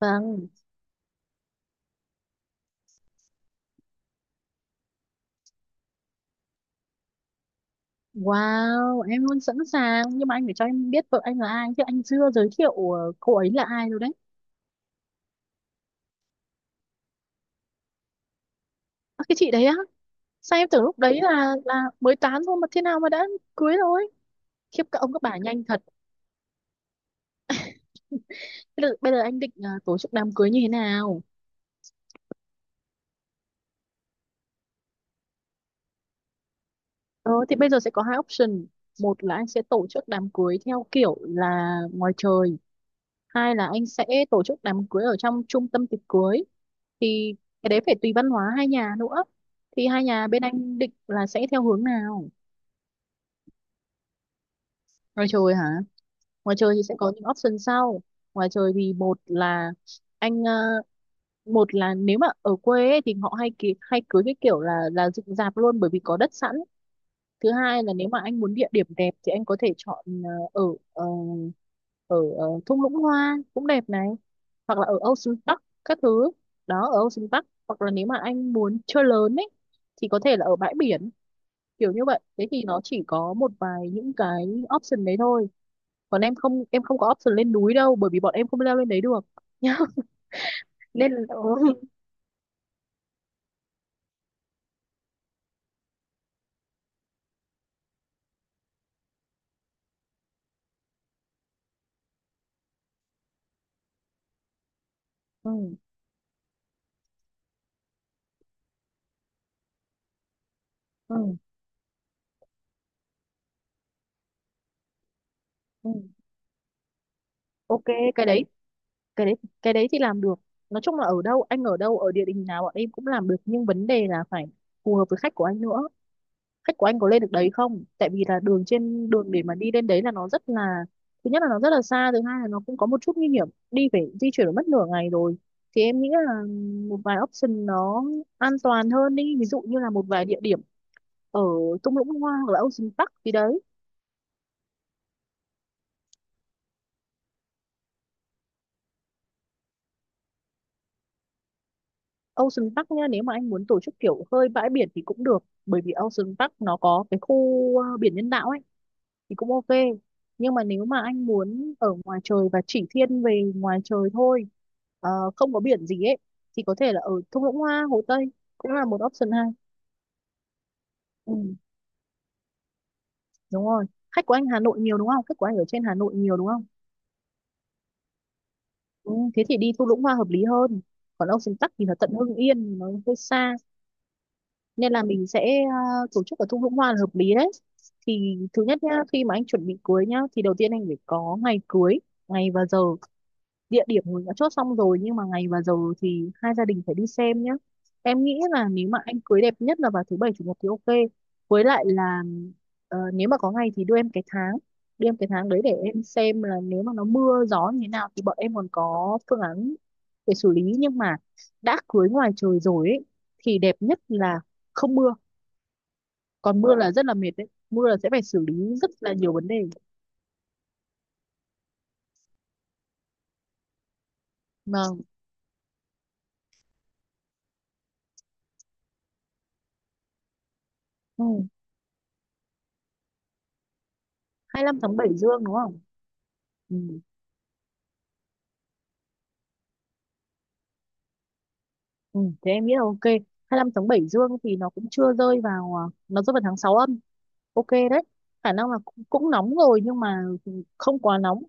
Vâng. Wow, em luôn sẵn sàng. Nhưng mà anh phải cho em biết vợ anh là ai. Chứ anh chưa giới thiệu cô ấy là ai rồi đấy. À, cái chị đấy á. Sao em tưởng lúc đấy là mới tán thôi mà thế nào mà đã cưới rồi. Khiếp các ông các bà nhanh thật. Bây giờ, anh định tổ chức đám cưới như thế nào? Ờ, thì bây giờ sẽ có hai option. Một là anh sẽ tổ chức đám cưới theo kiểu là ngoài trời. Hai là anh sẽ tổ chức đám cưới ở trong trung tâm tiệc cưới, thì cái đấy phải tùy văn hóa hai nhà nữa. Thì hai nhà bên anh định là sẽ theo hướng nào? Ngoài trời hả? Ngoài trời thì sẽ có những option sau. Ngoài trời thì một là anh một là nếu mà ở quê ấy, thì họ hay cưới cái kiểu là dựng rạp luôn, bởi vì có đất sẵn. Thứ hai là nếu mà anh muốn địa điểm đẹp thì anh có thể chọn ờ, ở ờ, ở thung lũng hoa cũng đẹp này, hoặc là ở Ocean Park các thứ, đó ở Ocean Park, hoặc là nếu mà anh muốn chơi lớn ấy thì có thể là ở bãi biển, kiểu như vậy. Thế thì nó chỉ có một vài những cái option đấy thôi. Còn em không, em không có option lên núi đâu, bởi vì bọn em không leo lên đấy được nhá. Ừ. Ừ. Ừ. Ừ. Ok, cái đấy, cái đấy cái đấy thì làm được. Nói chung là ở đâu, anh ở địa đình nào bọn em cũng làm được, nhưng vấn đề là phải phù hợp với khách của anh nữa. Khách của anh có lên được đấy không, tại vì là đường để mà đi lên đấy là nó rất là, thứ nhất là nó rất là xa, thứ hai là nó cũng có một chút nguy hiểm đi, phải di chuyển mất nửa ngày rồi. Thì em nghĩ là một vài option nó an toàn hơn đi, ví dụ như là một vài địa điểm ở thung lũng hoa hoặc là Ocean Park gì đấy. Ocean Park nha, nếu mà anh muốn tổ chức kiểu hơi bãi biển thì cũng được, bởi vì Ocean Park nó có cái khu biển nhân tạo ấy, thì cũng ok. Nhưng mà nếu mà anh muốn ở ngoài trời và chỉ thiên về ngoài trời thôi, ờ, không có biển gì ấy, thì có thể là ở thung lũng hoa Hồ Tây cũng là một option hay. Ừ, đúng rồi, khách của anh Hà Nội nhiều đúng không, khách của anh ở trên Hà Nội nhiều đúng không. Ừ, thế thì đi thung lũng hoa hợp lý hơn, còn Ocean Park thì là tận Hưng Yên nó hơi xa. Nên là mình sẽ à, tổ chức ở thung lũng hoa là hợp lý đấy. Thì thứ nhất nhá, khi mà anh chuẩn bị cưới nhá, thì đầu tiên anh phải có ngày cưới, ngày và giờ. Địa điểm mình đã chốt xong rồi, nhưng mà ngày và giờ thì hai gia đình phải đi xem nhá. Em nghĩ là nếu mà anh cưới đẹp nhất là vào thứ bảy chủ nhật thì ok. Với lại là nếu mà có ngày thì đưa em cái tháng, đưa em cái tháng đấy để em xem là nếu mà nó mưa gió như thế nào thì bọn em còn có phương án để xử lý. Nhưng mà đã cưới ngoài trời rồi ấy, thì đẹp nhất là không mưa. Còn mưa là rất là mệt đấy, mưa là sẽ phải xử lý rất là nhiều vấn đề mà. Ừ. 25 tháng 7 Dương đúng không? Ừ. Ừ, thế em nghĩ là ok. 25 tháng 7 Dương thì nó cũng chưa rơi vào, nó rơi vào tháng 6 âm, ok đấy. Khả năng là cũng nóng rồi nhưng mà không quá nóng,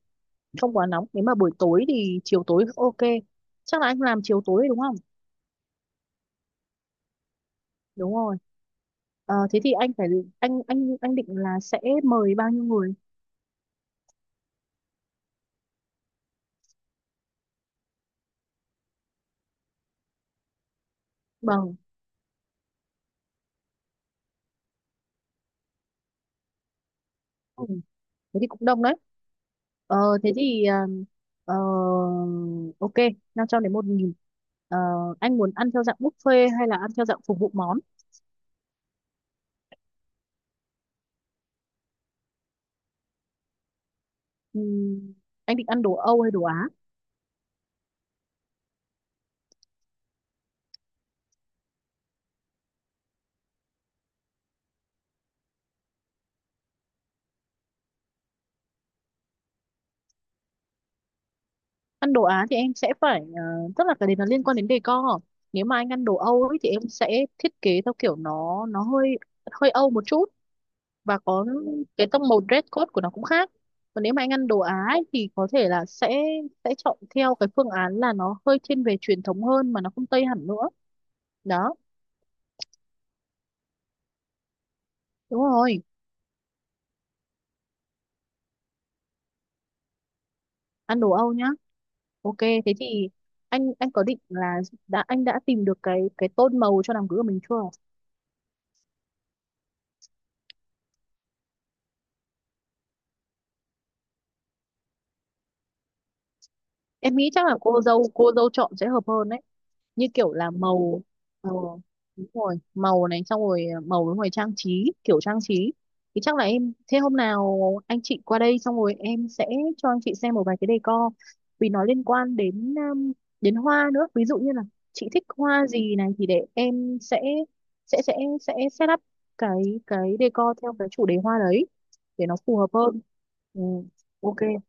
không quá nóng, nếu mà buổi tối thì chiều tối ok. Chắc là anh làm chiều tối đúng không. Đúng rồi. Ờ, thế thì anh phải, anh định là sẽ mời bao nhiêu người? Vâng. Thế thì cũng đông đấy. Ờ, thế thì ờ, ờ, Ok, 500 đến 1.000. ờ, anh muốn ăn theo dạng buffet hay là ăn theo dạng phục vụ món? Ừm, anh định ăn đồ Âu hay đồ Á? Ăn đồ Á thì em sẽ phải, tức là cái đấy nó liên quan đến decor. Nếu mà anh ăn đồ Âu ấy, thì em sẽ thiết kế theo kiểu nó hơi, hơi Âu một chút, và có cái tông màu dress code của nó cũng khác. Còn nếu mà anh ăn đồ Á ấy, thì có thể là sẽ chọn theo cái phương án là nó hơi thiên về truyền thống hơn mà nó không Tây hẳn nữa. Đó. Đúng rồi, ăn đồ Âu nhá. Ok, thế thì anh có định là, đã anh đã tìm được cái tông màu cho đám cưới của mình chưa? Em nghĩ chắc là cô dâu chọn sẽ hợp hơn đấy, như kiểu là màu. Màu, đúng rồi, màu này xong rồi màu với rồi trang trí, kiểu trang trí. Thì chắc là em, thế hôm nào anh chị qua đây xong rồi em sẽ cho anh chị xem một vài cái decor, vì nó liên quan đến đến hoa nữa. Ví dụ như là chị thích hoa gì này, thì để em sẽ sẽ sẽ set up cái decor theo cái chủ đề hoa đấy để nó phù hợp hơn. Ừ. Ok.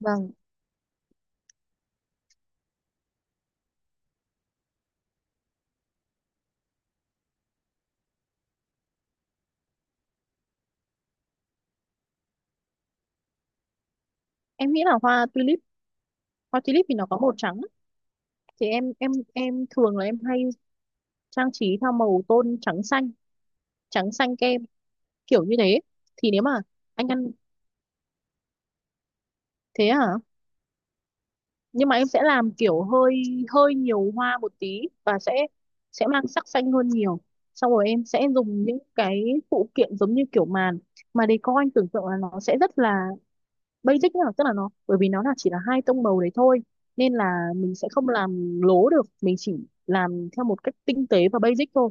Vâng, em nghĩ là hoa tulip. Hoa tulip thì nó có màu trắng, thì em thường là em hay trang trí theo màu tôn trắng xanh, trắng xanh kem, kiểu như thế. Thì nếu mà anh ăn, thế hả. Nhưng mà em sẽ làm kiểu hơi, hơi nhiều hoa một tí, và sẽ mang sắc xanh hơn nhiều. Xong rồi em sẽ dùng những cái phụ kiện giống như kiểu màn, mà decor anh tưởng tượng là nó sẽ rất là basic nhá, tức là nó, bởi vì nó là chỉ là hai tông màu đấy thôi, nên là mình sẽ không làm lố được, mình chỉ làm theo một cách tinh tế và basic thôi.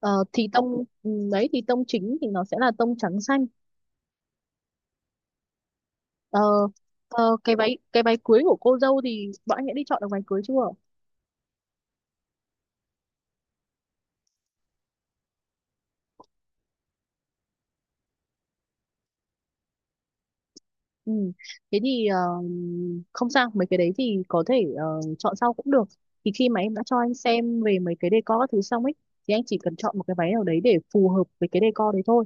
Ờ, thì đấy thì tông chính thì nó sẽ là tông trắng xanh. Ờ, cái váy, cái váy cưới của cô dâu thì bọn anh đã đi chọn được váy cưới chưa? Ừ. Thế thì không sao, mấy cái đấy thì có thể chọn sau cũng được. Thì khi mà em đã cho anh xem về mấy cái decor các thứ xong ấy, thì anh chỉ cần chọn một cái váy nào đấy để phù hợp với cái decor đấy thôi.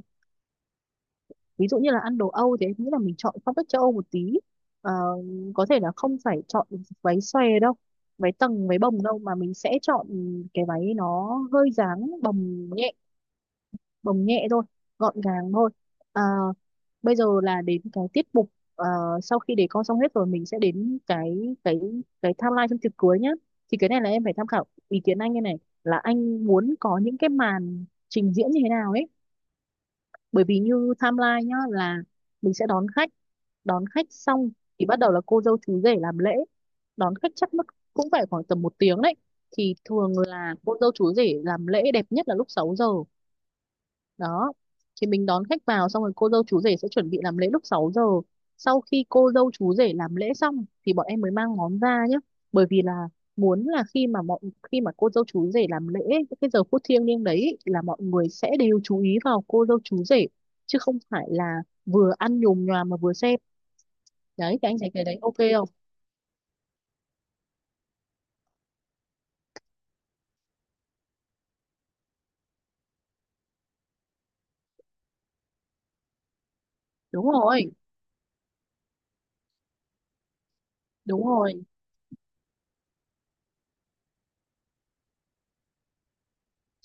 Ví dụ như là ăn đồ Âu thì em nghĩ là mình chọn phong cách châu Âu một tí. Ờ, có thể là không phải chọn váy xòe đâu, váy tầng, váy bồng đâu, mà mình sẽ chọn cái váy nó hơi dáng bồng nhẹ, bồng nhẹ thôi, gọn gàng thôi. À, bây giờ là đến cái tiết mục, ờ, sau khi để con xong hết rồi mình sẽ đến cái timeline trong tiệc cưới nhá. Thì cái này là em phải tham khảo ý kiến anh, như này là anh muốn có những cái màn trình diễn như thế nào ấy. Bởi vì như timeline nhá, là mình sẽ đón khách, đón khách xong thì bắt đầu là cô dâu chú rể làm lễ. Đón khách chắc mất cũng phải khoảng tầm một tiếng đấy. Thì thường là cô dâu chú rể làm lễ đẹp nhất là lúc 6 giờ. Đó, thì mình đón khách vào, xong rồi cô dâu chú rể sẽ chuẩn bị làm lễ lúc 6 giờ. Sau khi cô dâu chú rể làm lễ xong thì bọn em mới mang món ra nhé, bởi vì là muốn là khi mà mọi, khi mà cô dâu chú rể làm lễ ấy, cái giờ phút thiêng liêng đấy ấy, là mọi người sẽ đều chú ý vào cô dâu chú rể chứ không phải là vừa ăn nhồm nhoàm mà vừa xem. Đấy, thì anh thấy cái đấy ok không? Đúng rồi. Đúng rồi.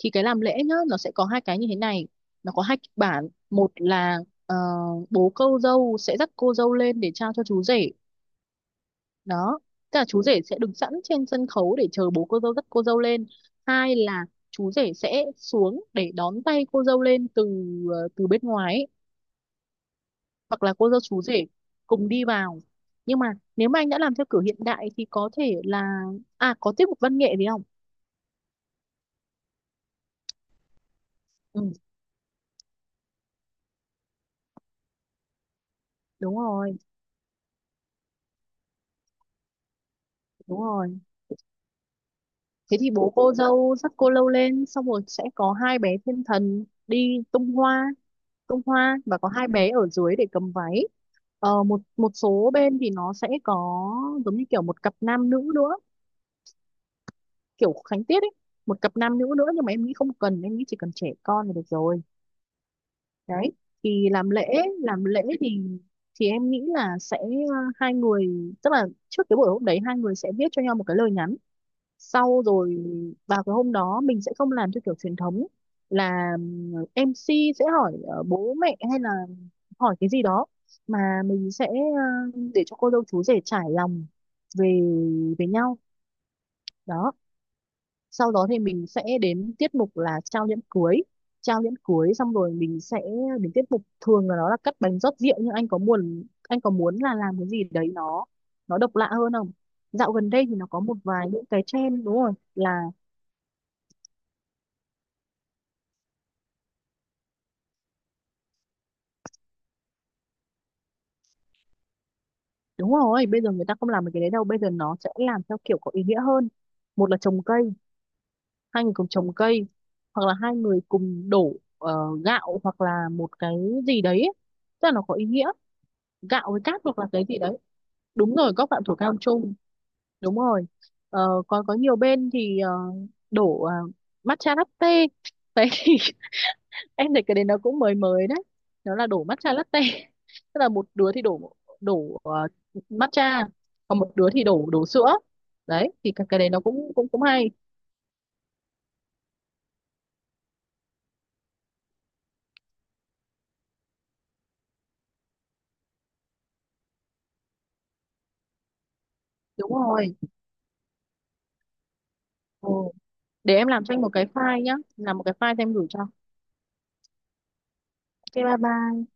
Thì cái làm lễ nhá, nó sẽ có hai cái như thế này, nó có hai kịch bản. Một là ờ, bố cô dâu sẽ dắt cô dâu lên để trao cho chú rể. Đó, tức là chú rể sẽ đứng sẵn trên sân khấu để chờ bố cô dâu dắt cô dâu lên. Hai là chú rể sẽ xuống để đón tay cô dâu lên từ, từ bên ngoài ấy, hoặc là cô dâu chú rể cùng đi vào. Nhưng mà nếu mà anh đã làm theo kiểu hiện đại thì có thể là, à có tiết mục văn nghệ gì không? Ừ. Đúng rồi. Đúng rồi. Thế thì bố cô dâu dắt cô lâu lên, xong rồi sẽ có hai bé thiên thần đi tung hoa, tung hoa, và có hai bé ở dưới để cầm váy. Một một số bên thì nó sẽ có giống như kiểu một cặp nam nữ nữa, kiểu khánh tiết ấy, một cặp nam nữ nữa, nhưng mà em nghĩ không cần, em nghĩ chỉ cần trẻ con là được rồi. Đấy. Thì làm lễ, làm lễ thì, em nghĩ là sẽ hai người, tức là trước cái buổi hôm đấy hai người sẽ viết cho nhau một cái lời nhắn. Sau rồi vào cái hôm đó mình sẽ không làm theo kiểu truyền thống là MC sẽ hỏi bố mẹ hay là hỏi cái gì đó, mà mình sẽ để cho cô dâu chú rể trải lòng về, về nhau. Đó. Sau đó thì mình sẽ đến tiết mục là trao nhẫn cưới. Trao nhẫn cưới xong rồi mình sẽ đến tiết mục, thường là nó là cắt bánh rót rượu, nhưng anh có muốn, anh có muốn là làm cái gì đấy nó độc lạ hơn không? Dạo gần đây thì nó có một vài những cái trend đúng rồi là, đúng rồi, bây giờ người ta không làm được cái đấy đâu, bây giờ nó sẽ làm theo kiểu có ý nghĩa hơn. Một là trồng cây, hai người cùng trồng cây, hoặc là hai người cùng đổ gạo hoặc là một cái gì đấy. Tức là nó có ý nghĩa, gạo với cát hoặc là cái gì đấy. Đúng rồi, góp gạo thổ cao chung, đúng rồi. Ờ, còn có nhiều bên thì đổ matcha latte. Đấy, em thấy cái đấy nó cũng mới mới đấy, nó là đổ matcha latte. Tức là một đứa thì đổ, đổ ờ, matcha, còn một đứa thì đổ, sữa. Đấy thì cái đấy nó cũng cũng cũng hay. Đúng rồi. Ừ, để em làm cho anh một cái file nhá, làm một cái file cho em gửi cho. Ok bye bye.